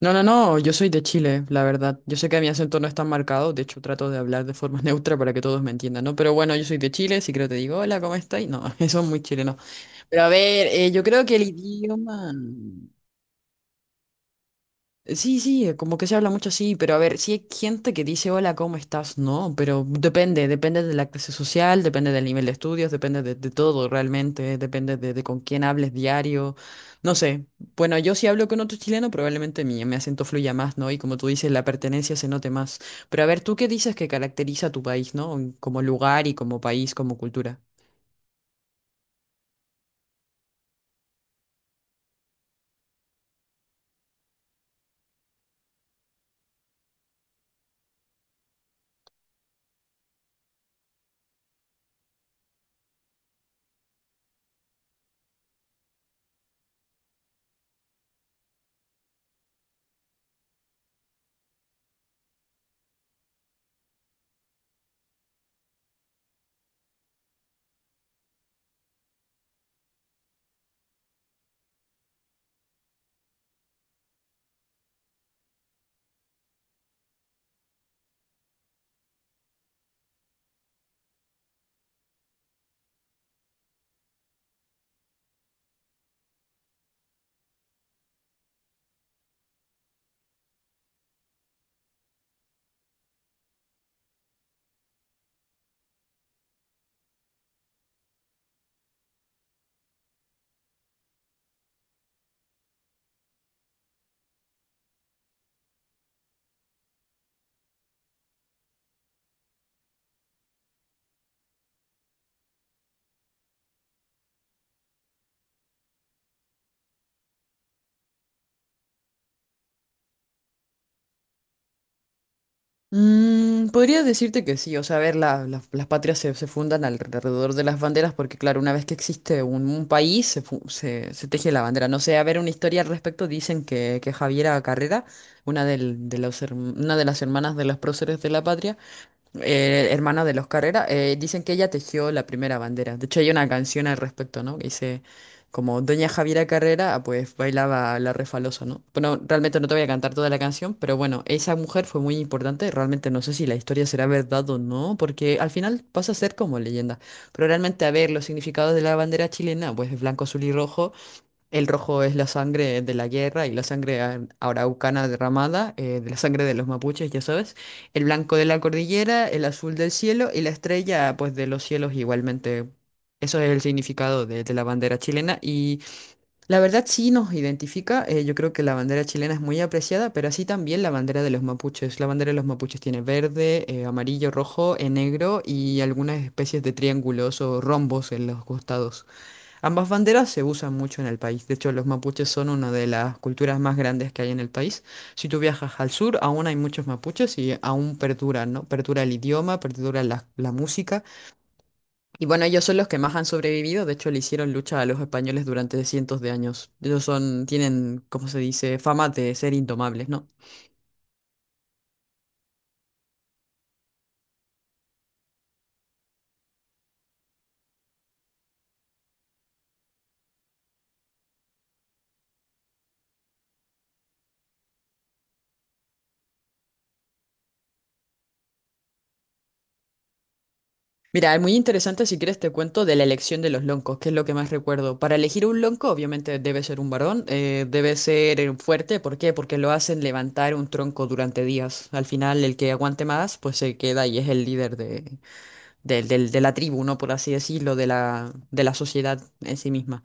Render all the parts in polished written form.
No, no, no, yo soy de Chile, la verdad. Yo sé que mi acento no es tan marcado, de hecho trato de hablar de forma neutra para que todos me entiendan, ¿no? Pero bueno, yo soy de Chile, si creo te digo, hola, ¿cómo estás? No, eso es muy chileno. Pero a ver, yo creo que el idioma... Sí, sí, como que se habla mucho así, pero a ver, sí hay gente que dice hola, ¿cómo estás? No, pero depende, depende de la clase social, depende del nivel de estudios, depende de todo realmente, depende de con quién hables diario, no sé. Bueno, yo si hablo con otro chileno, probablemente mi acento fluya más, ¿no? Y como tú dices, la pertenencia se note más. Pero a ver, ¿tú qué dices que caracteriza a tu país, ¿no? Como lugar y como país, como cultura. Podría decirte que sí, o sea, a ver, las patrias se fundan alrededor de las banderas porque, claro, una vez que existe un país, se teje la bandera. No sé, a ver, una historia al respecto, que Javiera Carrera, una, de los, una de las hermanas de los próceres de la patria, hermana de los Carrera, dicen que ella tejió la primera bandera. De hecho, hay una canción al respecto, ¿no? Que dice, como Doña Javiera Carrera, ah, pues bailaba la refalosa, ¿no? Bueno, realmente no te voy a cantar toda la canción, pero bueno, esa mujer fue muy importante. Realmente no sé si la historia será verdad o no, porque al final pasa a ser como leyenda. Pero realmente, a ver, los significados de la bandera chilena, pues blanco, azul y rojo. El rojo es la sangre de la guerra y la sangre araucana derramada, de la sangre de los mapuches, ya sabes. El blanco de la cordillera, el azul del cielo y la estrella, pues de los cielos igualmente. Eso es el significado de la bandera chilena y la verdad sí nos identifica. Yo creo que la bandera chilena es muy apreciada, pero así también la bandera de los mapuches. La bandera de los mapuches tiene verde, amarillo, rojo, negro y algunas especies de triángulos o rombos en los costados. Ambas banderas se usan mucho en el país. De hecho, los mapuches son una de las culturas más grandes que hay en el país. Si tú viajas al sur, aún hay muchos mapuches y aún perduran, ¿no? Perdura el idioma, perdura la música. Y bueno, ellos son los que más han sobrevivido. De hecho, le hicieron lucha a los españoles durante cientos de años. Ellos son, tienen, ¿cómo se dice? Fama de ser indomables, ¿no? Mira, es muy interesante si quieres te cuento de la elección de los loncos, que es lo que más recuerdo. Para elegir un lonco, obviamente debe ser un varón, debe ser fuerte, ¿por qué? Porque lo hacen levantar un tronco durante días. Al final, el que aguante más, pues se queda y es el líder de, de la tribu, ¿no? Por así decirlo, de la sociedad en sí misma.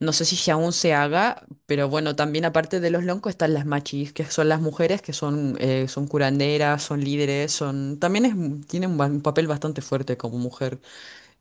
No sé si aún se haga, pero bueno, también aparte de los loncos están las machis, que son las mujeres que son, son curanderas, son líderes, son... También es, tienen un un papel bastante fuerte como mujer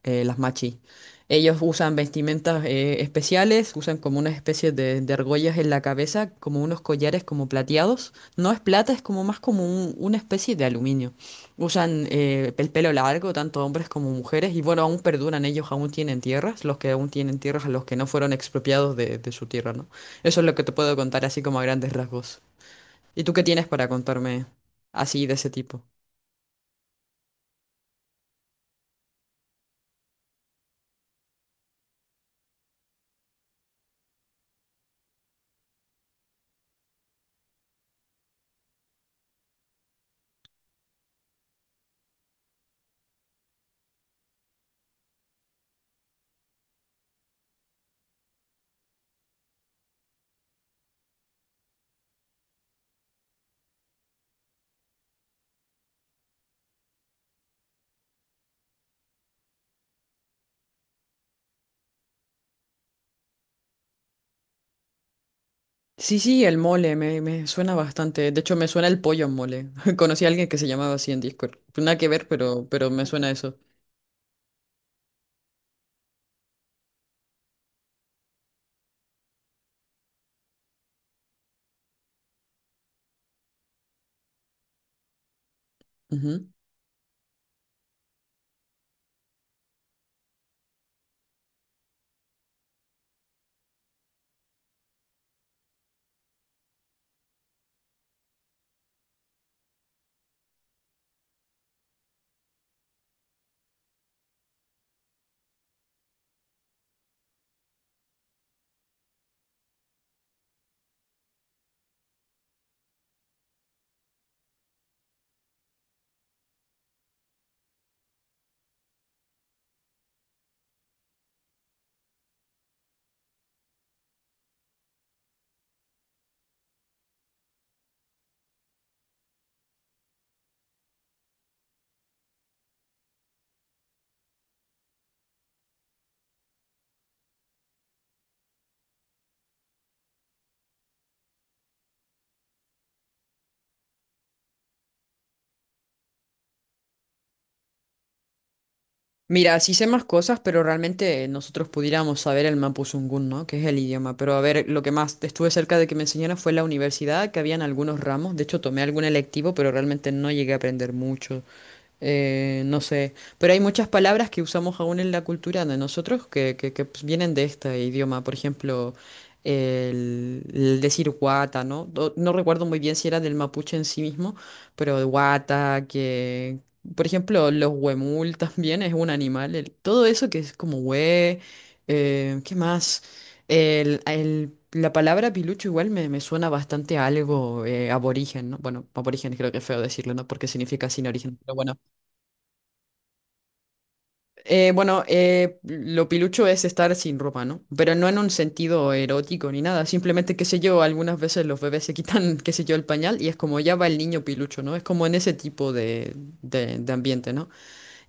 las machi. Ellos usan vestimentas especiales, usan como unas especies de argollas en la cabeza, como unos collares como plateados. No es plata, es como más como una especie de aluminio. Usan el pelo largo, tanto hombres como mujeres, y bueno, aún perduran ellos, aún tienen tierras, los que aún tienen tierras, a los que no fueron expropiados de su tierra, ¿no? Eso es lo que te puedo contar así como a grandes rasgos. ¿Y tú qué tienes para contarme así de ese tipo? Sí, sí, el mole, me suena bastante. De hecho, me suena el pollo en mole. Conocí a alguien que se llamaba así en Discord. Nada que ver, pero me suena eso. Ujú. Mira, sí sé más cosas, pero realmente nosotros pudiéramos saber el mapuzungún, ¿no? Que es el idioma. Pero a ver, lo que más estuve cerca de que me enseñaran fue la universidad, que habían algunos ramos. De hecho, tomé algún electivo, pero realmente no llegué a aprender mucho. No sé, pero hay muchas palabras que usamos aún en la cultura de nosotros que, pues, vienen de este idioma. Por ejemplo, el decir guata, ¿no? No, recuerdo muy bien si era del mapuche en sí mismo, pero guata, que... Por ejemplo, los huemul también es un animal. Todo eso que es como hue... ¿qué más? La palabra pilucho igual me suena bastante a algo aborigen, ¿no? Bueno, aborigen creo que es feo decirlo, ¿no? Porque significa sin origen. Pero bueno, bueno, lo pilucho es estar sin ropa, ¿no? Pero no en un sentido erótico ni nada. Simplemente, qué sé yo, algunas veces los bebés se quitan, qué sé yo, el pañal y es como ya va el niño pilucho, ¿no? Es como en ese tipo de, de ambiente, ¿no?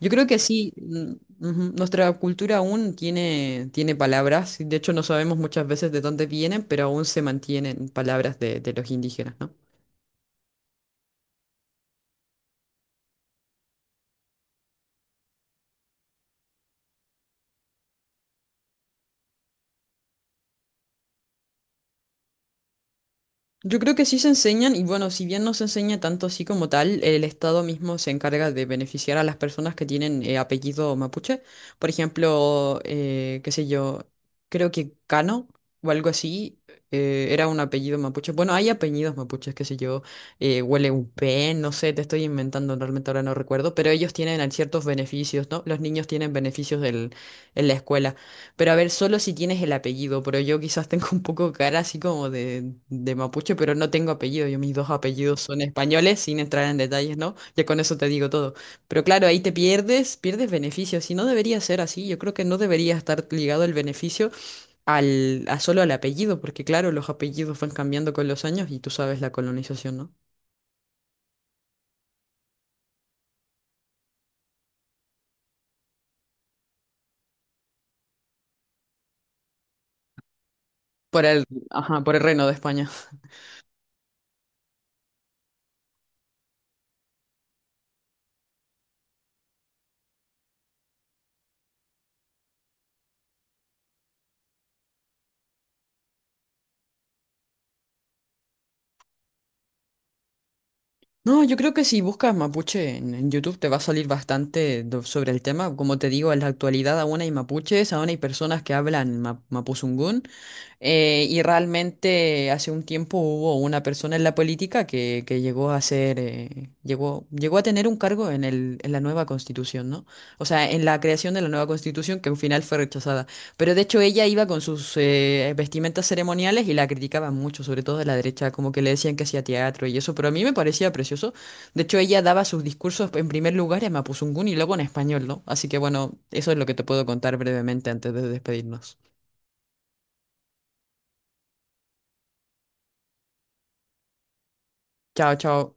Yo creo que sí, ujú, nuestra cultura aún tiene, tiene palabras. De hecho, no sabemos muchas veces de dónde vienen, pero aún se mantienen palabras de los indígenas, ¿no? Yo creo que sí se enseñan y bueno, si bien no se enseña tanto así como tal, el Estado mismo se encarga de beneficiar a las personas que tienen apellido mapuche. Por ejemplo, qué sé yo, creo que Cano o algo así era un apellido mapuche. Bueno, hay apellidos mapuches, qué sé yo, Hueleupe, no sé, te estoy inventando, realmente ahora no recuerdo, pero ellos tienen ciertos beneficios, ¿no? Los niños tienen beneficios del, en la escuela. Pero a ver, solo si tienes el apellido, pero yo quizás tengo un poco cara así como de mapuche, pero no tengo apellido. Yo mis dos apellidos son españoles, sin entrar en detalles, ¿no? Ya con eso te digo todo. Pero claro, ahí te pierdes, pierdes beneficios. Y no debería ser así. Yo creo que no debería estar ligado el beneficio al, a solo al apellido, porque claro, los apellidos van cambiando con los años y tú sabes la colonización, ¿no? Por el, ajá, por el Reino de España. No, yo creo que si buscas mapuche en YouTube te va a salir bastante sobre el tema. Como te digo, en la actualidad aún hay mapuches, aún hay personas que hablan mapuzungún. Y realmente hace un tiempo hubo una persona en la política que llegó a ser, llegó a tener un cargo en el, en la nueva constitución, ¿no? O sea, en la creación de la nueva constitución que al final fue rechazada. Pero de hecho ella iba con sus vestimentas ceremoniales y la criticaban mucho, sobre todo de la derecha, como que le decían que hacía teatro y eso, pero a mí me parecía precioso. De hecho ella daba sus discursos en primer lugar en mapuzungún y luego en español, ¿no? Así que bueno, eso es lo que te puedo contar brevemente antes de despedirnos. Chao, chao.